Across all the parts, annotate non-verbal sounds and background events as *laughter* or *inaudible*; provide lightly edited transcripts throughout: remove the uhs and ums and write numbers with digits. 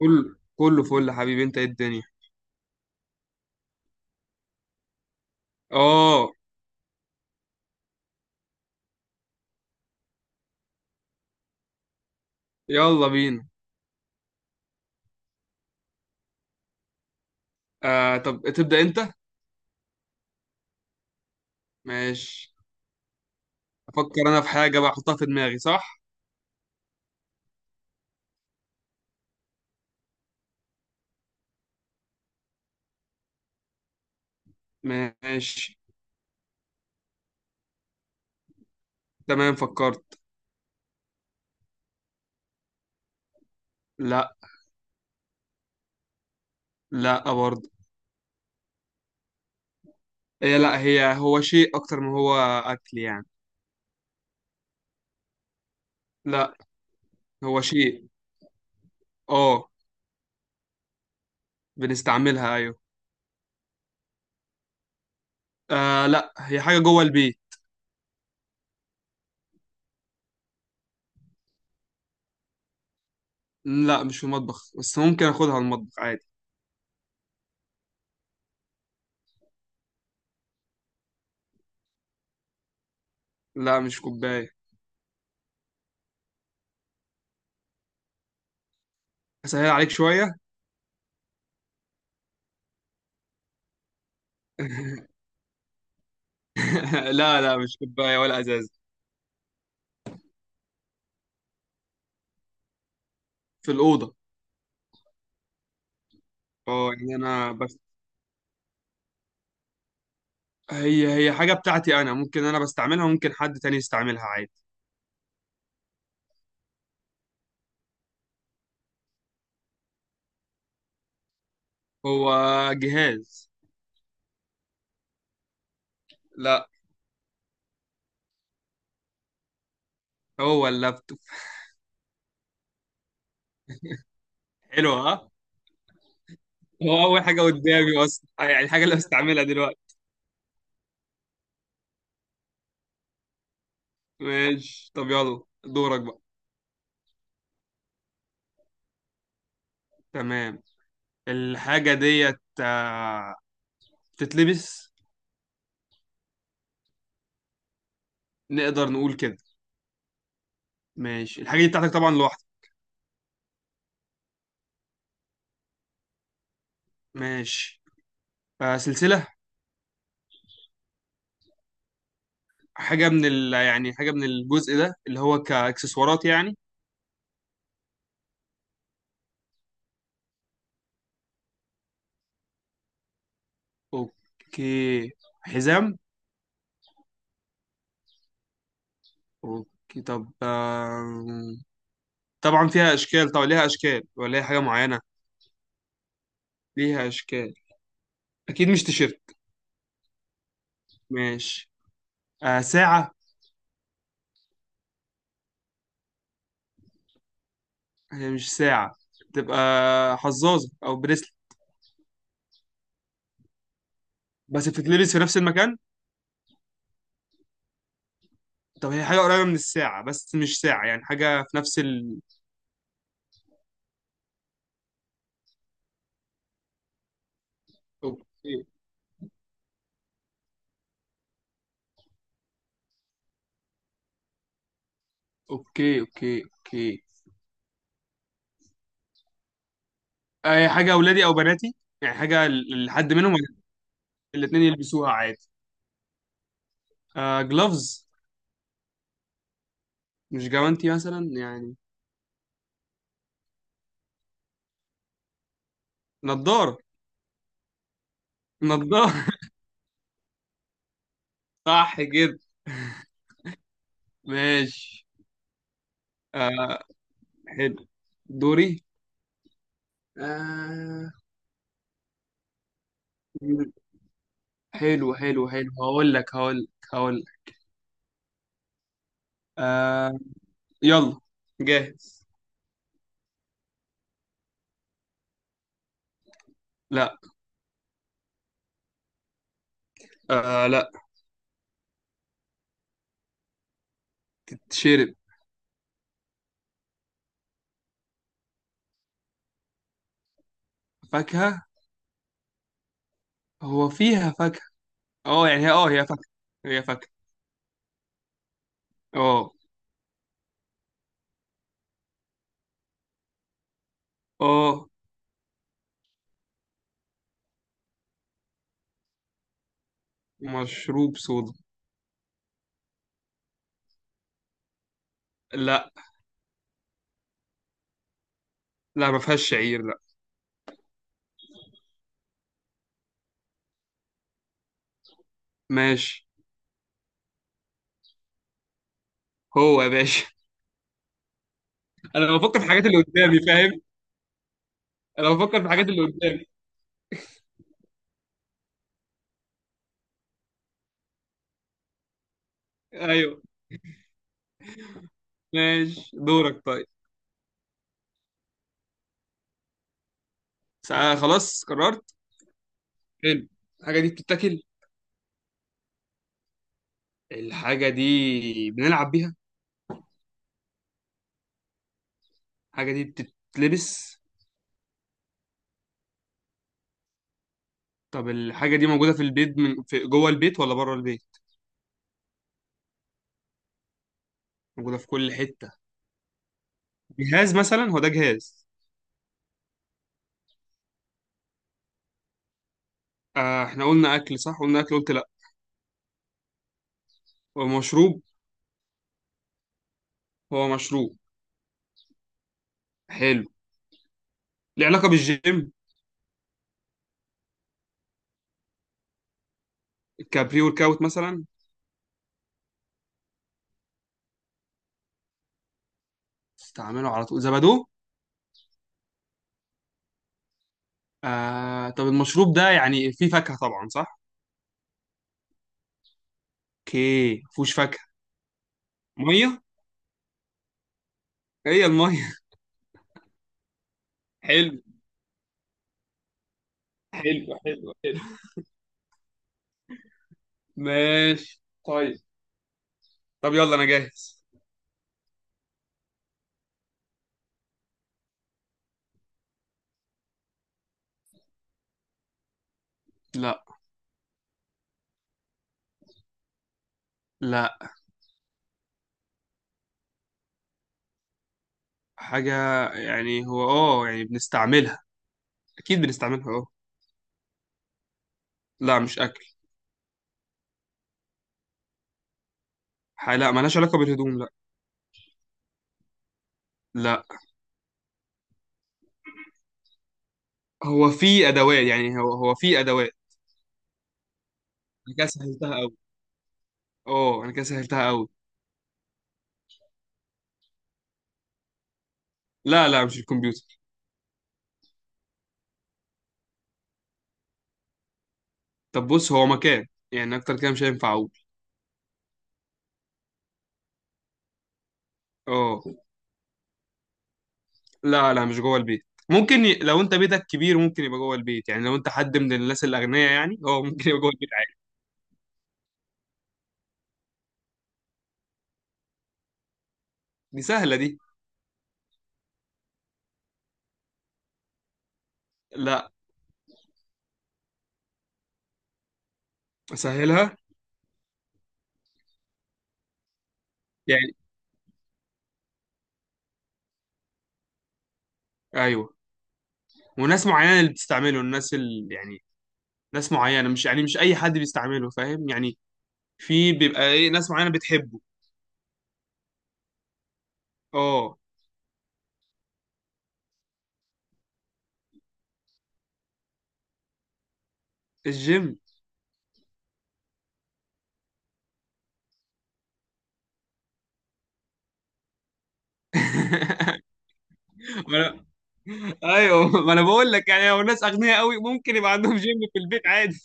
كله كله فل حبيبي، انت ايه الدنيا. اه. يلا بينا. آه، طب تبدأ انت. ماشي. افكر انا في حاجة بقى احطها في دماغي، صح؟ ماشي. تمام، فكرت. لا. لا برضه. هي لا هي هو شيء اكتر ما هو اكل يعني. لا، هو شيء. اه، بنستعملها، ايوه. آه لا، هي حاجة جوه البيت. لا مش في المطبخ، بس ممكن اخدها المطبخ عادي. لا مش كوباية. اسهل عليك شوية. *laughs* لا لا، مش كوباية ولا ازاز. في الأوضة. اه يعني انا بس. هي حاجه بتاعتي انا، ممكن انا بستعملها، ممكن حد تاني يستعملها عادي. هو جهاز. لا، هو اللابتوب. حلو ها. هو اول حاجه قدامي اصلا، يعني الحاجه اللي بستعملها دلوقتي. ماشي، طب يلا دورك بقى. تمام. الحاجه ديت، آه، بتتلبس. نقدر نقول كده. ماشي، الحاجه دي بتاعتك طبعا لوحدك. ماشي. آه، سلسله. حاجه يعني حاجه من الجزء ده اللي هو كاكسسوارات يعني. اوكي. حزام. اوكي طب طبعا فيها اشكال، طبعا ليها اشكال، ولا هي حاجه معينه؟ ليها اشكال. اكيد مش تيشيرت. ماشي. آه ساعه. هي مش ساعه. تبقى حظاظه او بريسلت. بس بتتلبس في نفس المكان. طب هي حاجه قريبه من الساعه بس مش ساعه، يعني حاجه في نفس اوكي اوكي اوكي اوكي. آه هي حاجه اولادي او بناتي، يعني حاجه لحد منهم. الاثنين يلبسوها عادي. آه جلوفز. مش جوانتي مثلا يعني. نضاره. نضاره. *laughs* صح كده. ماشي. آه حلو، دوري. آه. حلو حلو حلو، هقول لك هقول لك هقول لك. آه. يلا. جاهز. لا. آه لا. تشرب. فاكهة. هو فيها فاكهة؟ اه يعني هي فاكهة. هي فاكهة. اه. اه مشروب صودا. لا لا، ما فيهاش شعير، لا. ماشي. هو يا باشا. *laughs* انا بفكر في الحاجات اللي قدامي، فاهم. انا بفكر في الحاجات اللي قدامي. ايوه. ماشي دورك طيب. خلاص قررت. حلو. الحاجة دي بتتاكل؟ الحاجة دي بنلعب بيها؟ الحاجة دي بتتلبس؟ طب الحاجة دي موجودة في البيت، من في جوه البيت ولا بره البيت؟ موجودة في كل حتة. جهاز مثلا، هو ده جهاز؟ آه احنا قلنا أكل، صح؟ قلنا أكل قلت لأ. هو مشروب؟ هو مشروب. حلو. ليه علاقة بالجيم؟ الكابري ورك أوت مثلا؟ استعمله على طول، زبادو؟ آه طب المشروب ده يعني فيه فاكهة طبعا صح؟ اوكي مفهوش فاكهة. مية. هي المية. *laughs* حلو حلو حلو حلو. ماشي طيب. طب يلا انا جاهز. لا. لا. حاجة، يعني هو يعني بنستعملها. أكيد بنستعملها اه. لا مش أكل. لا، ملهاش علاقة بالهدوم، لا. لا، هو في أدوات، يعني هو في أدوات. انا كده سهلتها قوي. اه، أنا كده سهلتها أوي. لا لا مش الكمبيوتر. طب بص، هو مكان. يعني أكتر كده مش هينفع أقول. اه. لا لا مش جوه البيت. ممكن لو أنت بيتك كبير ممكن يبقى جوه البيت، يعني لو أنت حد من الناس الأغنياء يعني اه ممكن يبقى جوه البيت عادي. دي سهلة دي. لا. أسهلها يعني. أيوه. وناس معينة اللي بتستعمله، الناس اللي يعني ناس معينة، مش يعني مش أي حد بيستعمله، فاهم يعني. في بيبقى إيه ناس معينة بتحبه. اه. الجيم. *laughs* ما أنا... ايوه ما انا بقول لك يعني لو الناس اغنياء قوي ممكن يبقى عندهم جيم في البيت عادي.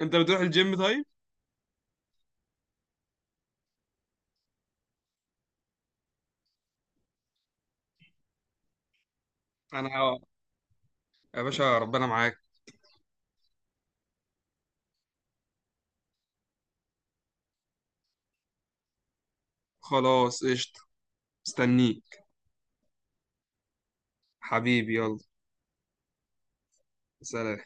انت بتروح الجيم طيب؟ انا يا باشا ربنا معاك. خلاص قشطة. مستنيك. حبيبي يلا. سلام.